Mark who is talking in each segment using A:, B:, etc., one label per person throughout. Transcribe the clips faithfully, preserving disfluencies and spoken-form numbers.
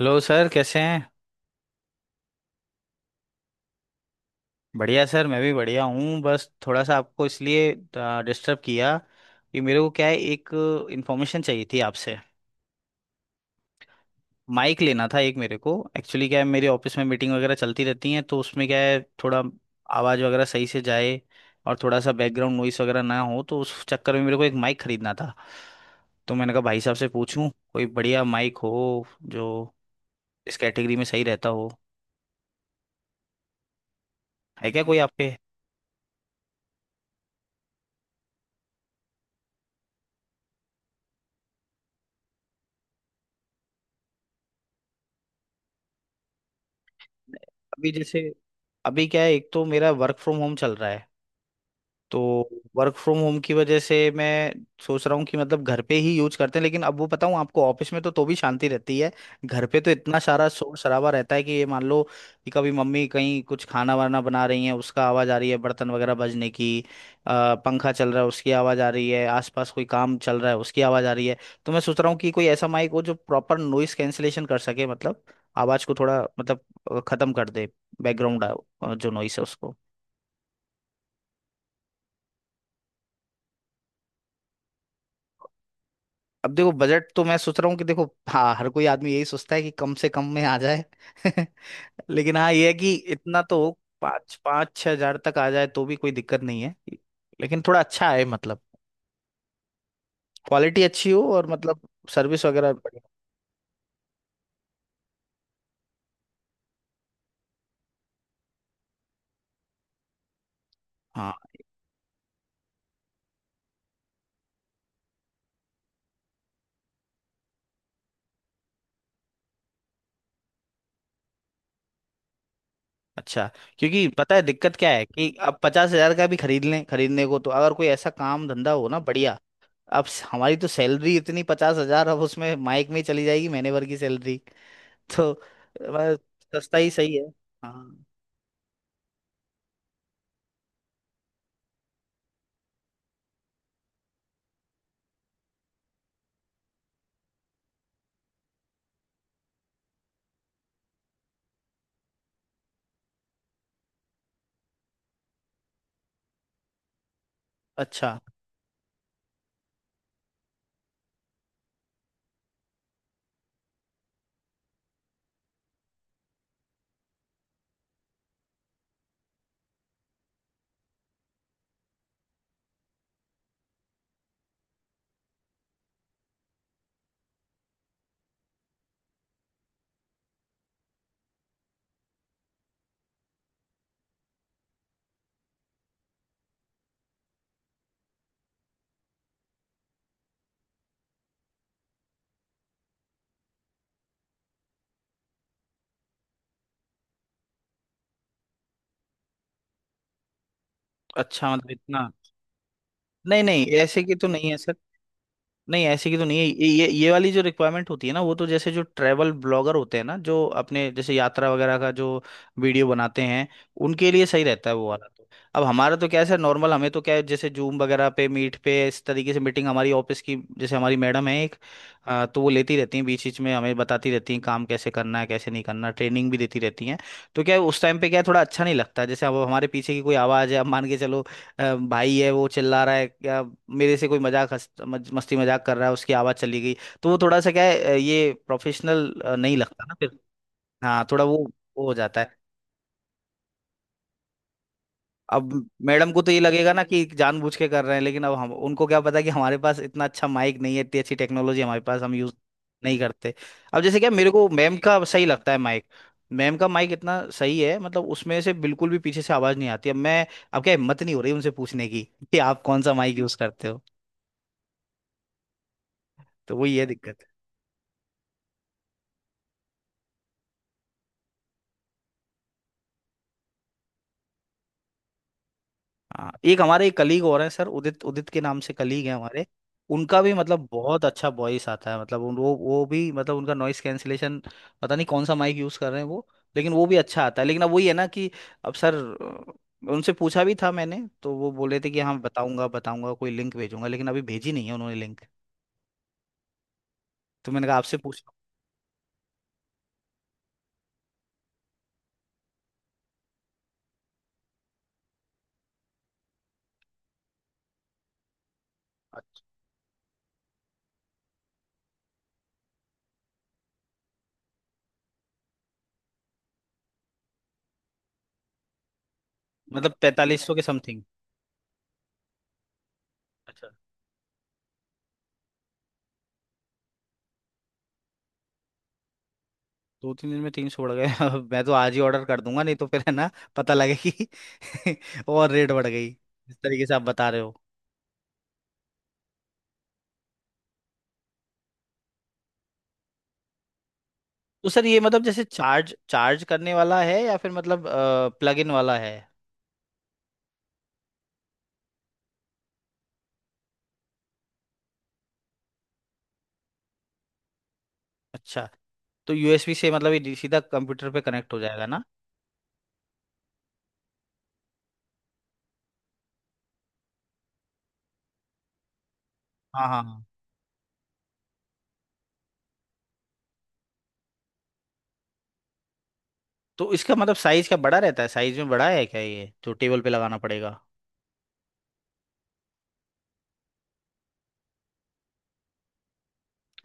A: Hello sir, कैसे हैं। बढ़िया सर, मैं भी बढ़िया हूँ, बस थोड़ा सा आपको इसलिए डिस्टर्ब किया कि मेरे को क्या है, एक इन्फॉर्मेशन चाहिए थी आपसे। माइक लेना था एक मेरे को। एक्चुअली क्या है, मेरे ऑफिस में मीटिंग वगैरह चलती रहती हैं, तो उसमें क्या है, थोड़ा आवाज़ वगैरह सही से जाए और थोड़ा सा बैकग्राउंड नॉइस वगैरह ना हो, तो उस चक्कर में मेरे को एक माइक खरीदना था। तो मैंने कहा भाई साहब से पूछूं, कोई बढ़िया माइक हो जो इस कैटेगरी में सही रहता हो, है क्या कोई आपके। अभी जैसे अभी क्या है, एक तो मेरा वर्क फ्रॉम होम चल रहा है, तो वर्क फ्रॉम होम की वजह से मैं सोच रहा हूँ कि मतलब घर पे ही यूज करते हैं। लेकिन अब वो बताऊँ आपको, ऑफिस में तो तो भी शांति रहती है, घर पे तो इतना सारा शोर शराबा रहता है कि ये मान लो कि कभी मम्मी कहीं कुछ खाना वाना बना रही है, उसका आवाज़ आ रही है बर्तन वगैरह बजने की, अ, पंखा चल रहा है उसकी आवाज़ आ रही है, आसपास कोई काम चल रहा है उसकी आवाज़ आ रही है। तो मैं सोच रहा हूँ कि कोई ऐसा माइक हो जो प्रॉपर नॉइस कैंसिलेशन कर सके, मतलब आवाज़ को थोड़ा, मतलब अ, खत्म कर दे बैकग्राउंड जो नॉइस है उसको। अब देखो, बजट तो मैं सोच रहा हूँ कि, देखो हाँ, हर कोई आदमी यही सोचता है कि कम से कम में आ जाए लेकिन हाँ ये है कि इतना तो पाँच पाँच छह हजार तक आ जाए तो भी कोई दिक्कत नहीं है, लेकिन थोड़ा अच्छा है, मतलब क्वालिटी अच्छी हो और मतलब सर्विस वगैरह बढ़िया। हाँ। अच्छा। क्योंकि पता है दिक्कत क्या है कि अब पचास हजार का भी खरीद लें, खरीदने को तो, अगर कोई ऐसा काम धंधा हो ना बढ़िया। अब स- हमारी तो सैलरी इतनी, पचास हजार, अब उसमें माइक में ही चली जाएगी महीने भर की सैलरी तो अ, सस्ता ही सही है। हाँ। अच्छा अच्छा, मतलब इतना। नहीं नहीं, ऐसे की तो नहीं है सर, नहीं ऐसे की तो नहीं है। ये ये ये वाली जो रिक्वायरमेंट होती है ना, वो तो जैसे जो ट्रैवल ब्लॉगर होते हैं ना, जो अपने जैसे यात्रा वगैरह का जो वीडियो बनाते हैं, उनके लिए सही रहता है वो वाला तो। अब हमारा तो क्या है सर, नॉर्मल। हमें तो क्या है, जैसे जूम वगैरह पे, मीट पे, इस तरीके से मीटिंग हमारी ऑफिस की, जैसे हमारी मैडम है एक, अ, तो वो लेती रहती हैं, बीच बीच में हमें बताती रहती हैं काम कैसे करना है, कैसे नहीं करना, ट्रेनिंग भी देती रहती हैं। तो क्या है, उस टाइम पे क्या है, थोड़ा अच्छा नहीं लगता है। जैसे अब हमारे पीछे की कोई आवाज़ है, अब मान के चलो, अ, भाई है वो चिल्ला रहा है क्या, मेरे से कोई मजाक, हंस मज, मस्ती मजाक कर रहा है, उसकी आवाज चली गई, तो वो थोड़ा सा क्या है, अ, ये प्रोफेशनल नहीं लगता ना फिर। हाँ, थोड़ा वो वो हो जाता है। अब मैडम को तो ये लगेगा ना कि जानबूझ के कर रहे हैं, लेकिन अब हम उनको, क्या पता कि हमारे पास इतना अच्छा माइक नहीं है, इतनी अच्छी टेक्नोलॉजी हमारे पास, हम यूज नहीं करते। अब जैसे, क्या मेरे को मैम का सही लगता है माइक, मैम का माइक इतना सही है, मतलब उसमें से बिल्कुल भी पीछे से आवाज नहीं आती। अब मैं, अब क्या, हिम्मत नहीं हो रही उनसे पूछने की कि आप कौन सा माइक यूज करते हो। तो वही है दिक्कत। हाँ, एक हमारे एक कलीग और हैं सर, उदित, उदित के नाम से कलीग हैं हमारे। उनका भी मतलब बहुत अच्छा वॉइस आता है, मतलब उन- वो वो भी, मतलब उनका नॉइस कैंसिलेशन, पता नहीं कौन सा माइक यूज कर रहे हैं वो, लेकिन वो भी अच्छा आता है। लेकिन अब वही है ना कि, अब सर, अ, उनसे पूछा भी था मैंने, तो वो बोले थे कि हाँ बताऊंगा बताऊंगा, कोई लिंक भेजूंगा, लेकिन अभी भेजी नहीं है उन्होंने लिंक। तो मैंने कहा आपसे पूछ लूं। मतलब पैंतालीस सौ के समथिंग। दो तीन दिन में तीन सौ बढ़ गए अब मैं तो आज ही ऑर्डर कर दूंगा, नहीं तो फिर है ना, पता लगे कि और रेट बढ़ गई जिस तरीके से आप बता रहे हो। तो सर ये मतलब, जैसे चार्ज, चार्ज करने वाला है, या फिर मतलब प्लग इन वाला है। अच्छा। तो यूएसबी से मतलब ये सीधा कंप्यूटर पे कनेक्ट हो जाएगा ना। हाँ हाँ हाँ। तो इसका मतलब साइज क्या, बड़ा रहता है, साइज में बड़ा है क्या ये, जो टेबल पे लगाना पड़ेगा।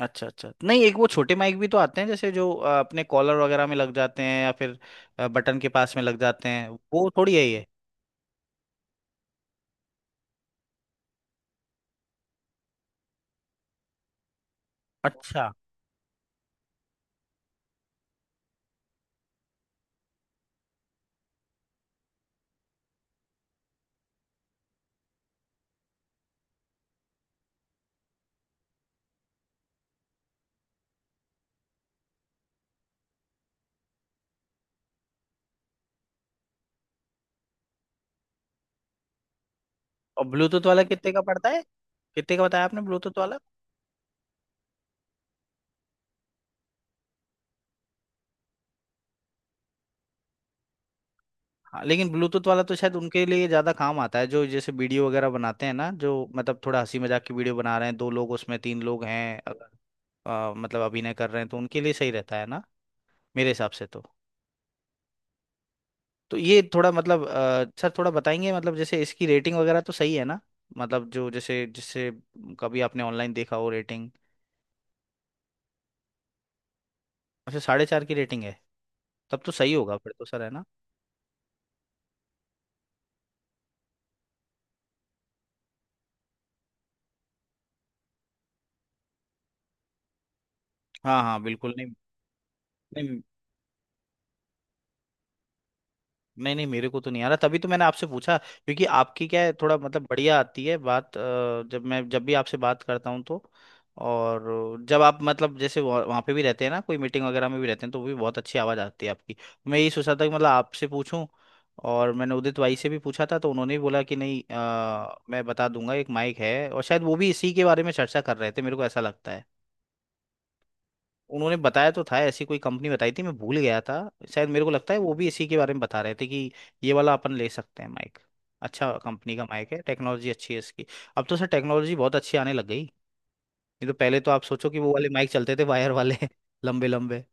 A: अच्छा अच्छा। नहीं, एक वो छोटे माइक भी तो आते हैं जैसे, जो अ, अपने कॉलर वगैरह में लग जाते हैं या फिर अ, बटन के पास में लग जाते हैं, वो थोड़ी है ये। अच्छा। और ब्लूटूथ वाला कितने का पड़ता है। कितने का बताया आपने ब्लूटूथ वाला। हाँ लेकिन ब्लूटूथ वाला तो शायद उनके लिए ज्यादा काम आता है, जो जैसे वीडियो वगैरह बनाते हैं ना, जो मतलब थोड़ा हंसी मजाक की वीडियो बना रहे हैं, दो लोग उसमें, तीन लोग हैं अगर, अ, मतलब अभिनय कर रहे हैं, तो उनके लिए सही रहता है ना, मेरे हिसाब से तो। तो ये थोड़ा मतलब, अ, सर थोड़ा बताएंगे मतलब, जैसे इसकी रेटिंग वगैरह तो सही है ना, मतलब जो जैसे, जैसे कभी आपने ऑनलाइन देखा हो रेटिंग। अच्छा, साढ़े चार की रेटिंग है, तब तो सही होगा फिर तो सर, है ना। हाँ हाँ बिल्कुल। नहीं नहीं। नहीं नहीं, मेरे को तो नहीं आ रहा, तभी तो मैंने आपसे पूछा, क्योंकि आपकी क्या है, थोड़ा मतलब बढ़िया आती है बात। अ, जब मैं जब भी आपसे बात करता हूँ तो, और जब आप मतलब, जैसे वह- वहाँ पे भी रहते हैं ना, कोई मीटिंग वगैरह में भी रहते हैं, तो वो भी बहुत अच्छी आवाज़ आती है आपकी, तो मैं यही सोचा था कि मतलब आपसे पूछूं। और मैंने उदित भाई से भी पूछा था, तो उन्होंने भी बोला कि नहीं, अ, मैं बता दूंगा एक माइक है, और शायद वो भी इसी के बारे में चर्चा कर रहे थे, मेरे को ऐसा लगता है। उन्होंने बताया तो था, ऐसी कोई कंपनी बताई थी, मैं भूल गया था। शायद मेरे को लगता है वो भी इसी के बारे में बता रहे थे कि ये वाला अपन ले सकते हैं माइक। अच्छा कंपनी का माइक है, टेक्नोलॉजी अच्छी है इसकी। अब तो सर टेक्नोलॉजी बहुत अच्छी आने लग गई, नहीं तो पहले तो आप सोचो कि वो वाले माइक चलते थे वायर वाले लंबे लंबे।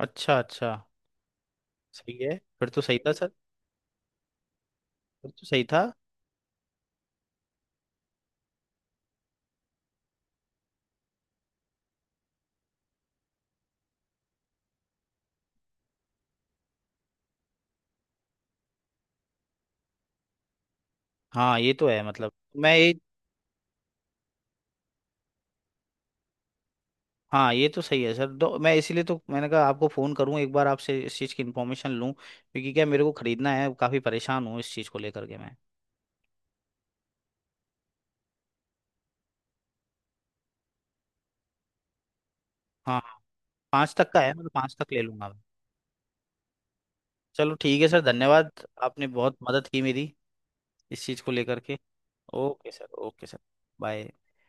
A: अच्छा अच्छा। सही है, फिर तो सही था सर, फिर तो सही था। हाँ ये तो है मतलब। मैं ये हाँ ये तो सही है सर, तो मैं इसीलिए, तो मैंने कहा आपको फ़ोन करूँ एक बार, आपसे इस चीज़ की इन्फॉर्मेशन लूँ, क्योंकि क्या मेरे को खरीदना है, काफ़ी परेशान हूँ इस चीज़ को लेकर के मैं। हाँ, पाँच तक का है, मतलब पाँच तक ले लूंगा मैं। चलो ठीक है सर, धन्यवाद, आपने बहुत मदद की मेरी इस चीज़ को लेकर के। Okay sir, okay sir, bye.